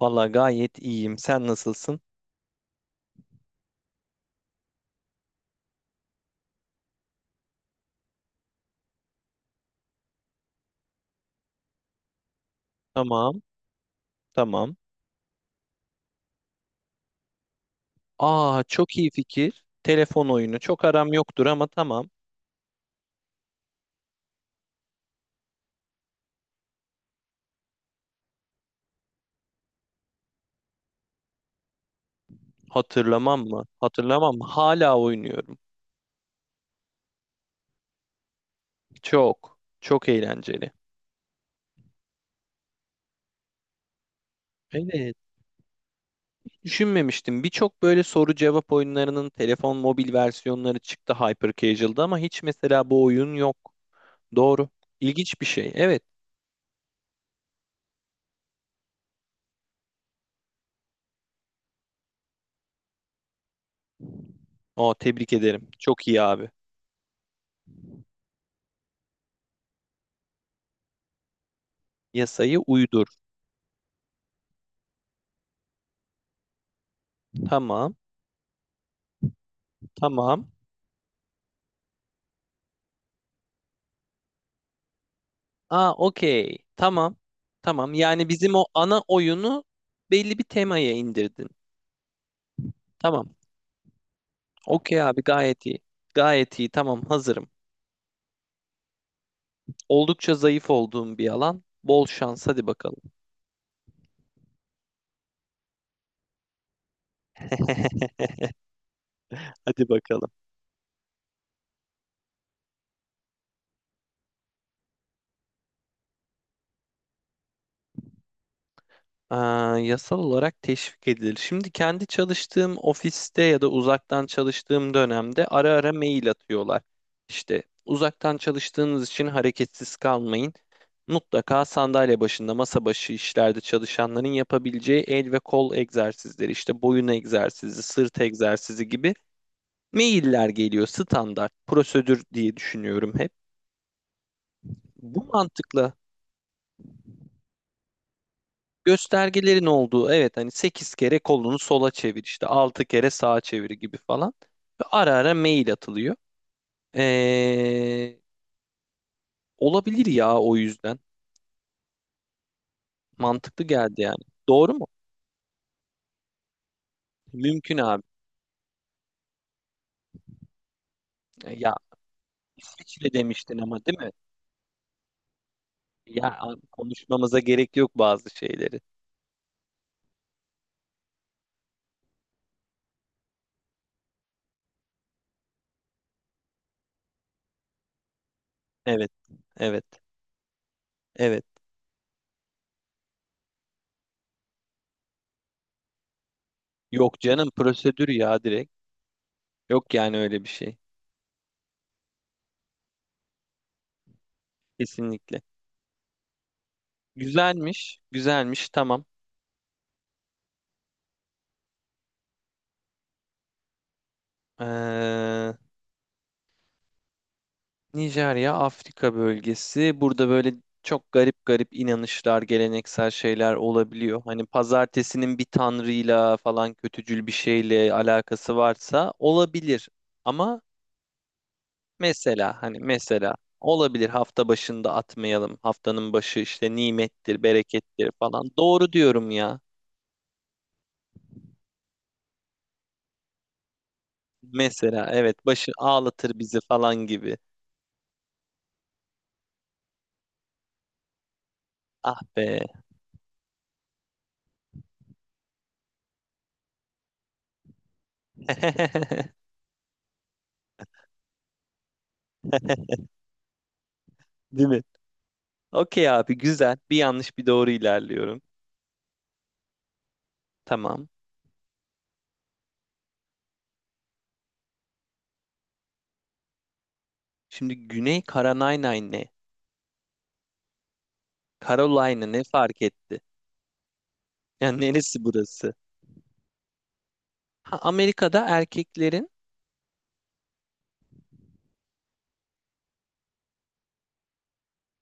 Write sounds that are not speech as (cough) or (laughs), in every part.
Valla gayet iyiyim. Sen nasılsın? Tamam, tamam. Aa, çok iyi fikir. Telefon oyunu. Çok aram yoktur ama tamam. Hatırlamam mı? Hatırlamam mı? Hala oynuyorum. Çok, çok eğlenceli. Evet. Düşünmemiştim. Birçok böyle soru cevap oyunlarının telefon mobil versiyonları çıktı Hyper Casual'da ama hiç mesela bu oyun yok. Doğru. İlginç bir şey. Evet. Aa, tebrik ederim. Çok iyi abi. Yasayı uydur. Tamam, tamam. Aa, okey. Tamam. Tamam. Yani bizim o ana oyunu belli bir temaya indirdin. Tamam. Okey abi gayet iyi. Gayet iyi. Tamam hazırım. Oldukça zayıf olduğum bir alan. Bol şans. Hadi bakalım. (laughs) Hadi bakalım. Aa, yasal olarak teşvik edilir. Şimdi kendi çalıştığım ofiste ya da uzaktan çalıştığım dönemde ara ara mail atıyorlar. İşte uzaktan çalıştığınız için hareketsiz kalmayın. Mutlaka sandalye başında, masa başı işlerde çalışanların yapabileceği el ve kol egzersizleri, işte boyun egzersizi, sırt egzersizi gibi mailler geliyor standart prosedür diye düşünüyorum hep. Bu mantıkla göstergelerin olduğu evet hani sekiz kere kolunu sola çevir işte 6 kere sağa çevir gibi falan. Ve ara ara mail atılıyor. Ee, olabilir ya o yüzden. Mantıklı geldi yani. Doğru mu? Mümkün abi. Ya seçili demiştin ama değil mi? Ya konuşmamıza gerek yok bazı şeyleri. Evet, evet, evet. Yok canım prosedür ya direkt. Yok yani öyle bir şey. Kesinlikle. Güzelmiş, güzelmiş. Tamam. Ee, Nijerya, Afrika bölgesi. Burada böyle çok garip garip inanışlar, geleneksel şeyler olabiliyor. Hani pazartesinin bir tanrıyla falan kötücül bir şeyle alakası varsa olabilir. Ama mesela hani mesela olabilir hafta başında atmayalım. Haftanın başı işte nimettir, berekettir falan. Doğru diyorum ya. Mesela evet başı ağlatır bizi falan gibi. Ah be. (laughs) Değil mi? Okey abi güzel. Bir yanlış bir doğru ilerliyorum. Tamam. Şimdi Güney Carolina ne? Carolina ne fark etti? Yani neresi burası? Ha, Amerika'da erkeklerin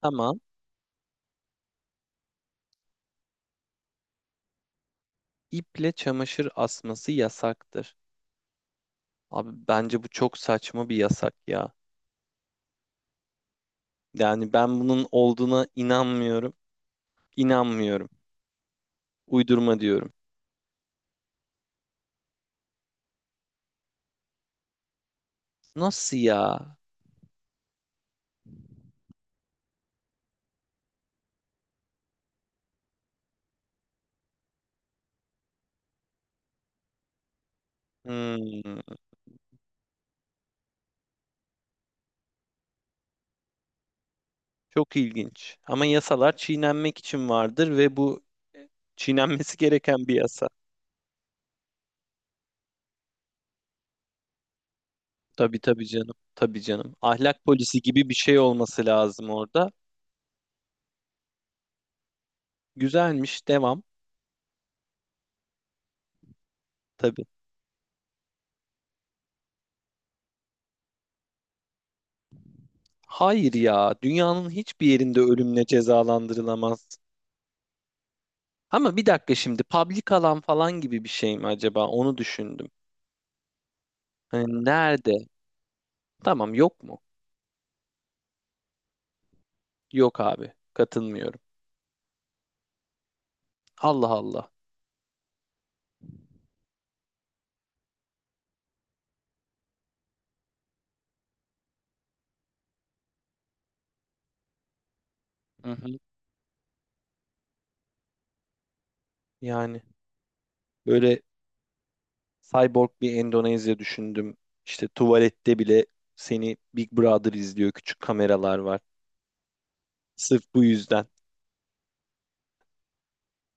tamam iple çamaşır asması yasaktır. Abi bence bu çok saçma bir yasak ya. Yani ben bunun olduğuna inanmıyorum. İnanmıyorum. Uydurma diyorum. Nasıl ya? Hmm, çok ilginç. Ama yasalar çiğnenmek için vardır ve bu e, çiğnenmesi gereken bir yasa. Tabii tabii canım. Tabii canım. Ahlak polisi gibi bir şey olması lazım orada. Güzelmiş. Devam. Tabii. Hayır ya. Dünyanın hiçbir yerinde ölümle cezalandırılamaz. Ama bir dakika şimdi public alan falan gibi bir şey mi acaba? Onu düşündüm. Hani nerede? Tamam yok mu? Yok abi. Katılmıyorum. Allah Allah. Hı hı. Yani böyle cyborg bir Endonezya düşündüm. İşte tuvalette bile seni Big Brother izliyor. Küçük kameralar var. Sırf bu yüzden.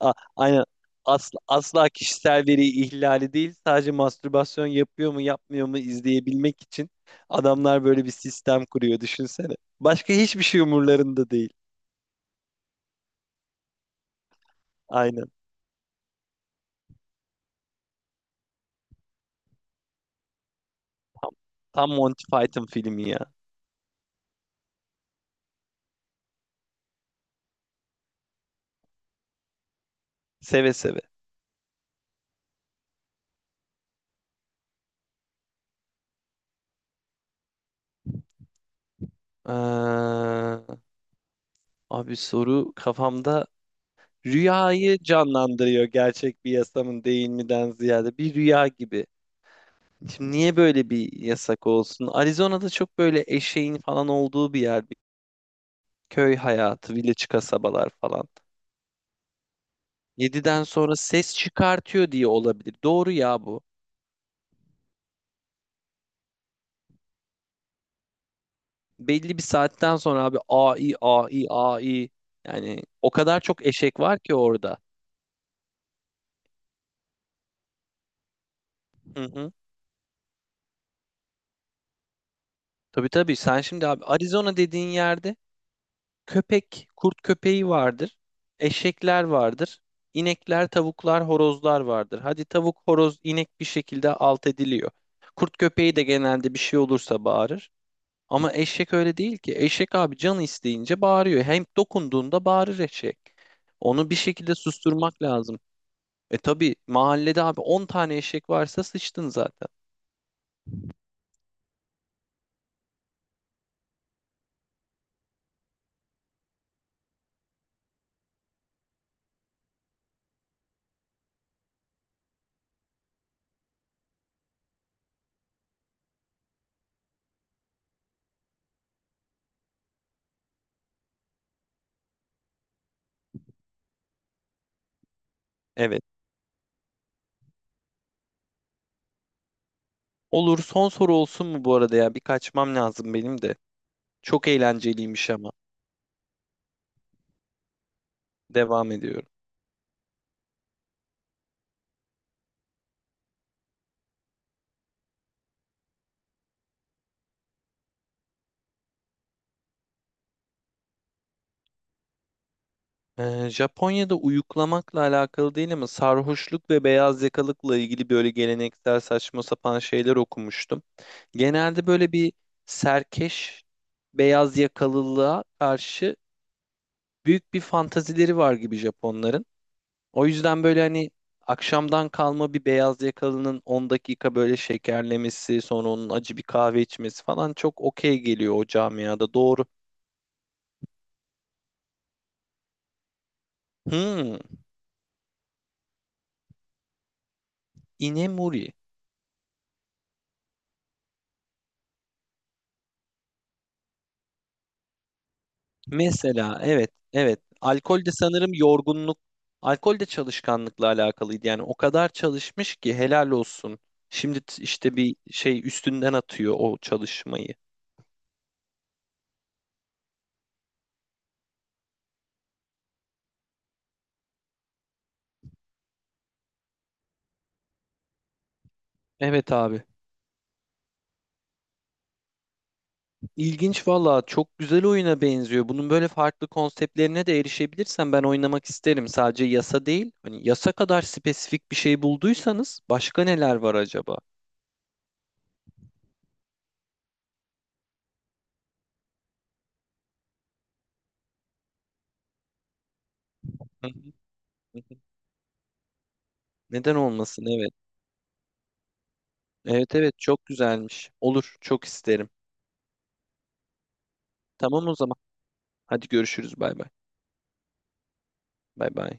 Aynen. Asla, asla kişisel veri ihlali değil. Sadece mastürbasyon yapıyor mu yapmıyor mu izleyebilmek için adamlar böyle bir sistem kuruyor düşünsene. Başka hiçbir şey umurlarında değil. Aynen. Tam Monty Python filmi ya. Seve seve. Ee, abi soru kafamda rüyayı canlandırıyor gerçek bir yasamın değil miden ziyade. Bir rüya gibi. Şimdi niye böyle bir yasak olsun? Arizona'da çok böyle eşeğin falan olduğu bir yer. Köy hayatı, village kasabalar falan. Yediden sonra ses çıkartıyor diye olabilir. Doğru ya bu. Belli bir saatten sonra abi AI, AI, AI. Yani o kadar çok eşek var ki orada. Hı hı. Tabii tabii sen şimdi abi Arizona dediğin yerde köpek, kurt köpeği vardır. Eşekler vardır. İnekler, tavuklar, horozlar vardır. Hadi tavuk, horoz, inek bir şekilde alt ediliyor. Kurt köpeği de genelde bir şey olursa bağırır. Ama eşek öyle değil ki. Eşek abi canı isteyince bağırıyor. Hem dokunduğunda bağırır eşek. Onu bir şekilde susturmak lazım. E tabii mahallede abi 10 tane eşek varsa sıçtın zaten. Evet. Olur son soru olsun mu bu arada ya? Bir kaçmam lazım benim de. Çok eğlenceliymiş ama. Devam ediyorum. Japonya'da uyuklamakla alakalı değil ama sarhoşluk ve beyaz yakalıkla ilgili böyle geleneksel saçma sapan şeyler okumuştum. Genelde böyle bir serkeş beyaz yakalılığa karşı büyük bir fantazileri var gibi Japonların. O yüzden böyle hani akşamdan kalma bir beyaz yakalının 10 dakika böyle şekerlemesi, sonra onun acı bir kahve içmesi falan çok okey geliyor o camiada. Doğru. Hmm, inemuri. Mesela evet, evet. Alkol de sanırım yorgunluk, alkol de çalışkanlıkla alakalıydı. Yani o kadar çalışmış ki helal olsun. Şimdi işte bir şey üstünden atıyor o çalışmayı. Evet abi. İlginç valla çok güzel oyuna benziyor. Bunun böyle farklı konseptlerine de erişebilirsem ben oynamak isterim. Sadece yasa değil. Hani yasa kadar spesifik bir şey bulduysanız başka neler var acaba? (laughs) Hı hı, hı hı. Neden olmasın? Evet. Evet evet çok güzelmiş. Olur çok isterim. Tamam o zaman. Hadi görüşürüz bay bay. Bay bay.